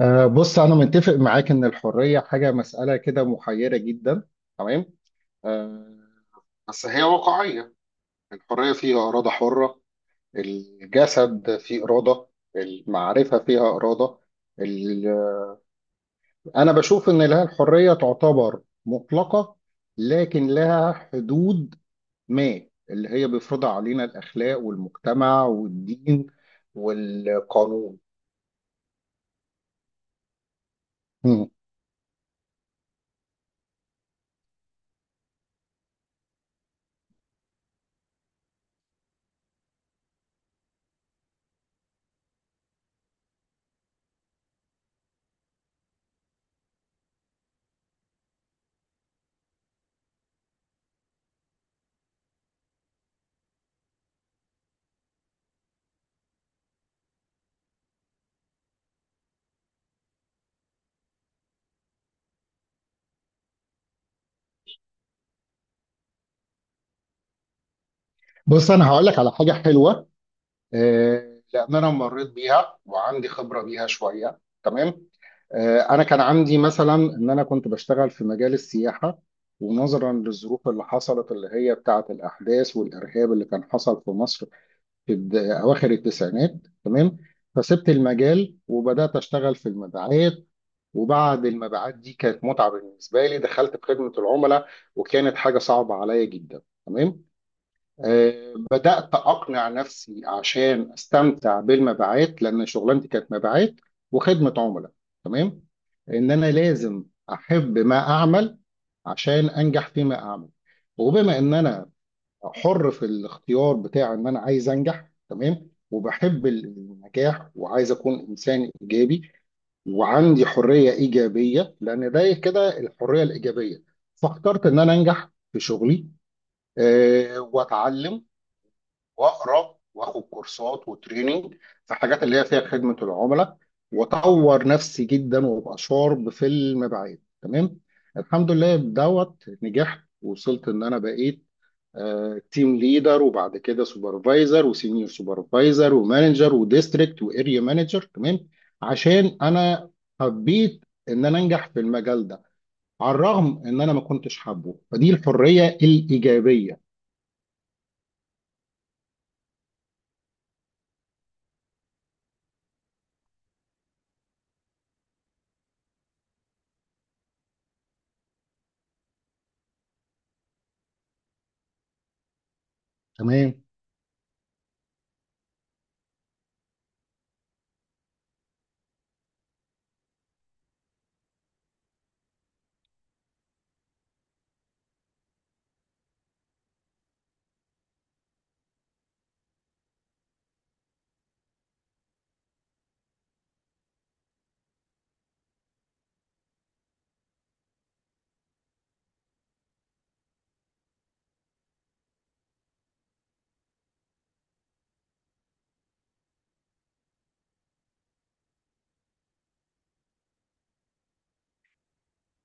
بص أنا متفق معاك إن الحرية حاجة مسألة كده محيرة جدا. تمام. أه بس هي واقعية. الحرية فيها إرادة حرة، الجسد فيه إرادة، المعرفة فيها إرادة. ال- أنا بشوف إن لها الحرية تعتبر مطلقة، لكن لها حدود ما اللي هي بيفرضها علينا الأخلاق والمجتمع والدين والقانون. مم. بص أنا هقول لك على حاجة حلوة، لان انا مريت بيها وعندي خبره بيها شويه. تمام. انا كان عندي مثلا ان انا كنت بشتغل في مجال السياحه، ونظرا للظروف اللي حصلت اللي هي بتاعه الاحداث والارهاب اللي كان حصل في مصر في اواخر التسعينات. تمام. فسبت المجال وبدات اشتغل في المبيعات، وبعد المبيعات دي كانت متعه بالنسبه لي، دخلت في خدمه العملاء وكانت حاجه صعبه عليا جدا. تمام. بدأت أقنع نفسي عشان أستمتع بالمبيعات، لأن شغلانتي كانت مبيعات وخدمة عملاء. تمام. إن أنا لازم أحب ما أعمل عشان أنجح فيما أعمل، وبما إن أنا حر في الاختيار بتاع إن أنا عايز أنجح، تمام، وبحب النجاح وعايز أكون إنسان إيجابي وعندي حرية إيجابية، لأن ده كده الحرية الإيجابية. فاخترت إن أنا أنجح في شغلي، وأتعلم واقرا واخد كورسات وتريننج في حاجات اللي هي فيها خدمه العملاء، واطور نفسي جدا وابقى شارب في المبيعات. تمام. الحمد لله بدوت نجحت، وصلت ان انا بقيت تيم ليدر، وبعد كده سوبرفايزر وسينيور سوبرفايزر ومانجر وديستريكت واريا مانجر. تمام. عشان انا حبيت ان انا انجح في المجال ده، على الرغم ان انا ما كنتش حابه. فدي الحريه الايجابيه. تمام.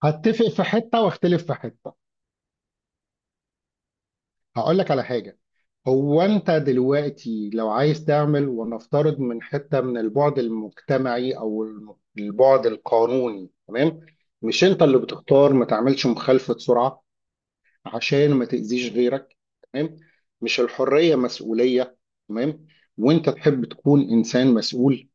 هتفق في حته واختلف في حته. هقول لك على حاجة. هو انت دلوقتي لو عايز تعمل ونفترض من حتة من البعد المجتمعي او البعد القانوني، تمام، مش انت اللي بتختار ما تعملش مخالفة سرعة عشان ما تأذيش غيرك؟ تمام. مش الحرية مسؤولية؟ تمام. وانت تحب تكون انسان مسؤول.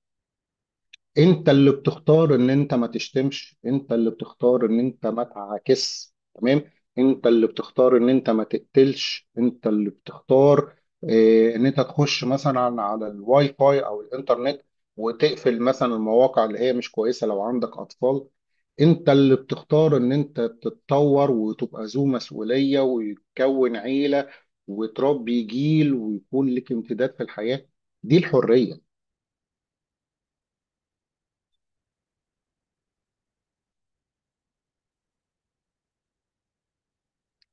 انت اللي بتختار ان انت ما تشتمش، انت اللي بتختار ان انت ما تعاكس، تمام، انت اللي بتختار ان انت ما تقتلش، انت اللي بتختار اه ان انت تخش مثلا على الواي فاي او الانترنت وتقفل مثلا المواقع اللي هي مش كويسة لو عندك اطفال. انت اللي بتختار ان انت تتطور وتبقى ذو مسؤولية ويتكون عيلة وتربي جيل ويكون لك امتداد في الحياة. دي الحرية.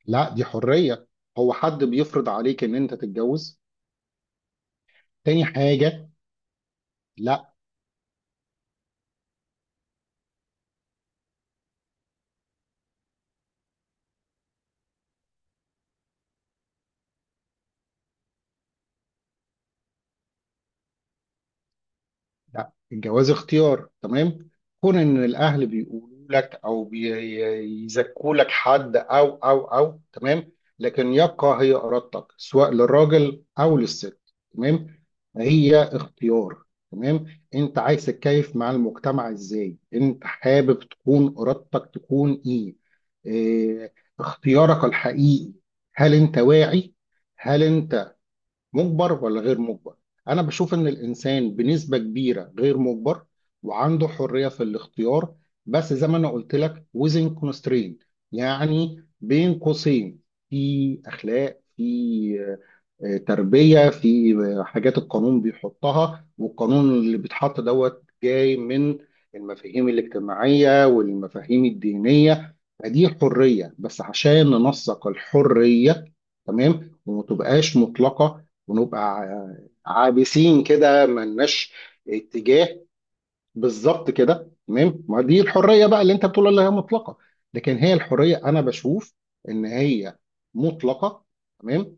لا، دي حرية. هو حد بيفرض عليك ان انت تتجوز؟ تاني حاجة، لا. لا، الجواز اختيار. تمام. كون ان الاهل بيقولوا لك او بيزكوا لك حد او تمام، لكن يبقى هي ارادتك سواء للراجل او للست. تمام. هي اختيار. تمام. انت عايز تتكيف مع المجتمع ازاي، انت حابب تكون ارادتك تكون ايه؟ إيه، اختيارك الحقيقي. هل انت واعي؟ هل انت مجبر ولا غير مجبر؟ انا بشوف ان الانسان بنسبة كبيرة غير مجبر وعنده حرية في الاختيار، بس زي ما انا قلت لك within constraint، يعني بين قوسين. في اخلاق، في تربية، في حاجات القانون بيحطها، والقانون اللي بيتحط دوت جاي من المفاهيم الاجتماعية والمفاهيم الدينية. فدي حرية بس عشان ننسق الحرية، تمام، وما تبقاش مطلقة ونبقى عابسين كده ملناش اتجاه. بالظبط كده. تمام. ما دي الحريه بقى اللي انت بتقول اللي هي مطلقه، لكن هي الحريه انا بشوف ان هي مطلقه. تمام.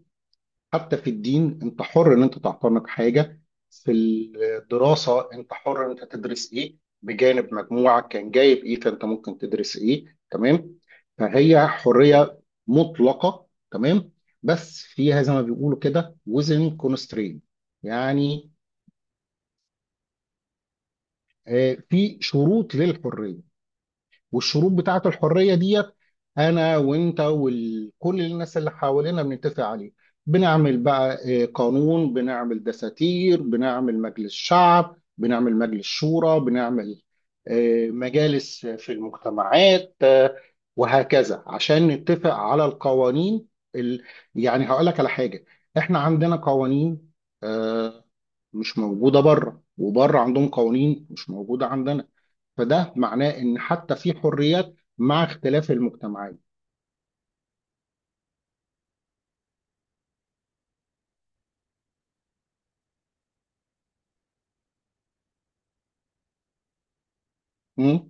حتى في الدين انت حر ان انت تعتنق حاجه، في الدراسه انت حر ان انت تدرس ايه، بجانب مجموعك كان جايب ايه فانت ممكن تدرس ايه. تمام. فهي حريه مطلقه. تمام. بس فيها زي ما بيقولوا كده وزن كونسترين، يعني في شروط للحريه، والشروط بتاعت الحرية ديت أنا وأنت وكل الناس اللي حوالينا بنتفق عليه. بنعمل بقى قانون، بنعمل دساتير، بنعمل مجلس شعب، بنعمل مجلس شورى، بنعمل مجالس في المجتمعات، آه، وهكذا عشان نتفق على القوانين. ال... يعني هقول لك على حاجة، احنا عندنا قوانين آه، مش موجودة بره، وبره عندهم قوانين مش موجودة عندنا. فده معناه ان حتى في حريات مع اختلاف المجتمعات. مم؟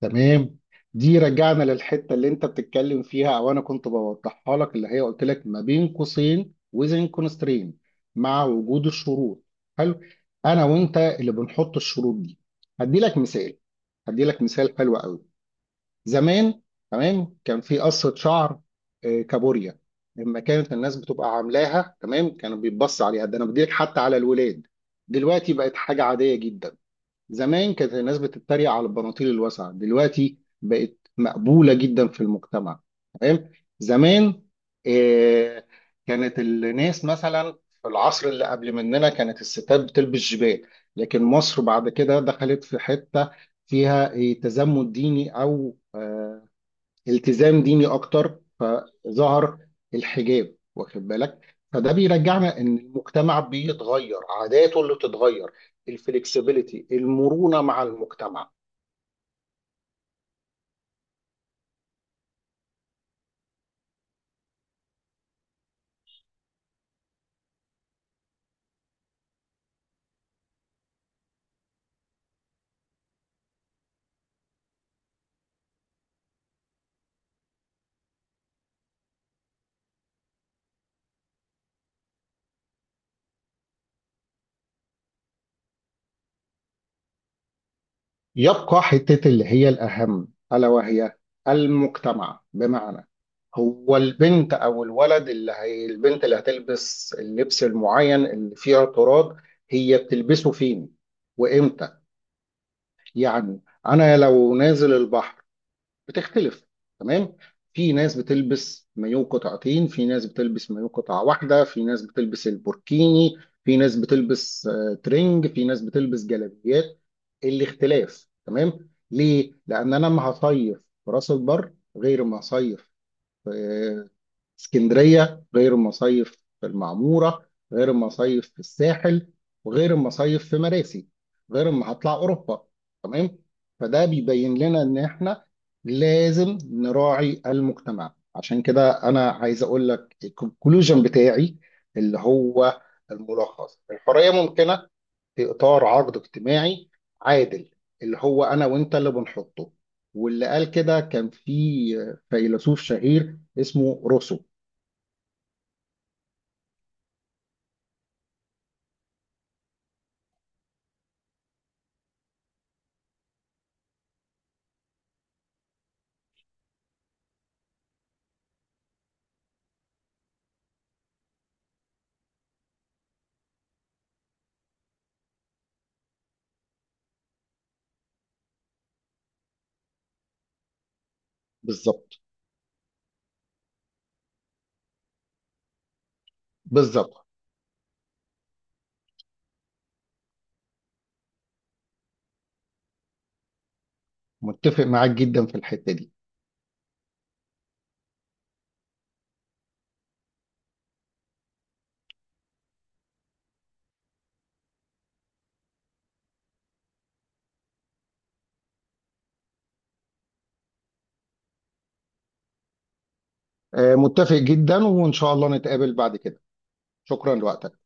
تمام. دي رجعنا للحته اللي انت بتتكلم فيها او انا كنت بوضحها لك اللي هي قلت لك ما بين قوسين وزن كونسترين، مع وجود الشروط. حلو. انا وانت اللي بنحط الشروط دي. هدي لك مثال هدي لك مثال حلو قوي. زمان، تمام، كان في قصة شعر كابوريا. لما كانت الناس بتبقى عاملاها، تمام، كانوا بيتبص عليها، ده انا بديلك حتى على الولاد. دلوقتي بقت حاجة عادية جدا. زمان كانت الناس بتتريق على البناطيل الواسعة، دلوقتي بقت مقبولة جدا في المجتمع. تمام. زمان آه كانت الناس مثلا في العصر اللي قبل مننا كانت الستات بتلبس جبال، لكن مصر بعد كده دخلت في حتة فيها تزمت ديني، أو التزام ديني اكتر، فظهر الحجاب. واخد بالك؟ فده بيرجعنا ان المجتمع بيتغير، عاداته اللي بتتغير، الفلكسبيليتي، المرونة مع المجتمع. يبقى حتة اللي هي الأهم ألا وهي المجتمع، بمعنى هو البنت أو الولد اللي هي البنت اللي هتلبس اللبس المعين اللي فيه اعتراض، هي بتلبسه فين وإمتى؟ يعني أنا لو نازل البحر بتختلف. تمام. في ناس بتلبس مايو قطعتين، في ناس بتلبس مايو قطعة واحدة، في ناس بتلبس البوركيني، في ناس بتلبس ترنج، في ناس بتلبس جلابيات. الاختلاف، تمام، ليه؟ لأن أنا ما هصيف في راس البر غير ما هصيف في اسكندرية، غير المصايف في المعمورة، غير المصايف في الساحل، وغير المصايف في مراسي، غير ما هطلع أوروبا. تمام. فده بيبين لنا إن إحنا لازم نراعي المجتمع. عشان كده أنا عايز أقول لك الكونكلوجن بتاعي اللي هو الملخص: الحرية ممكنة في اطار عقد اجتماعي عادل اللي هو انا وانت اللي بنحطه، واللي قال كده كان في فيلسوف شهير اسمه روسو. بالظبط بالظبط. متفق معاك جدا في الحتة دي. متفق جدا، وان شاء الله نتقابل بعد كده. شكرا لوقتك.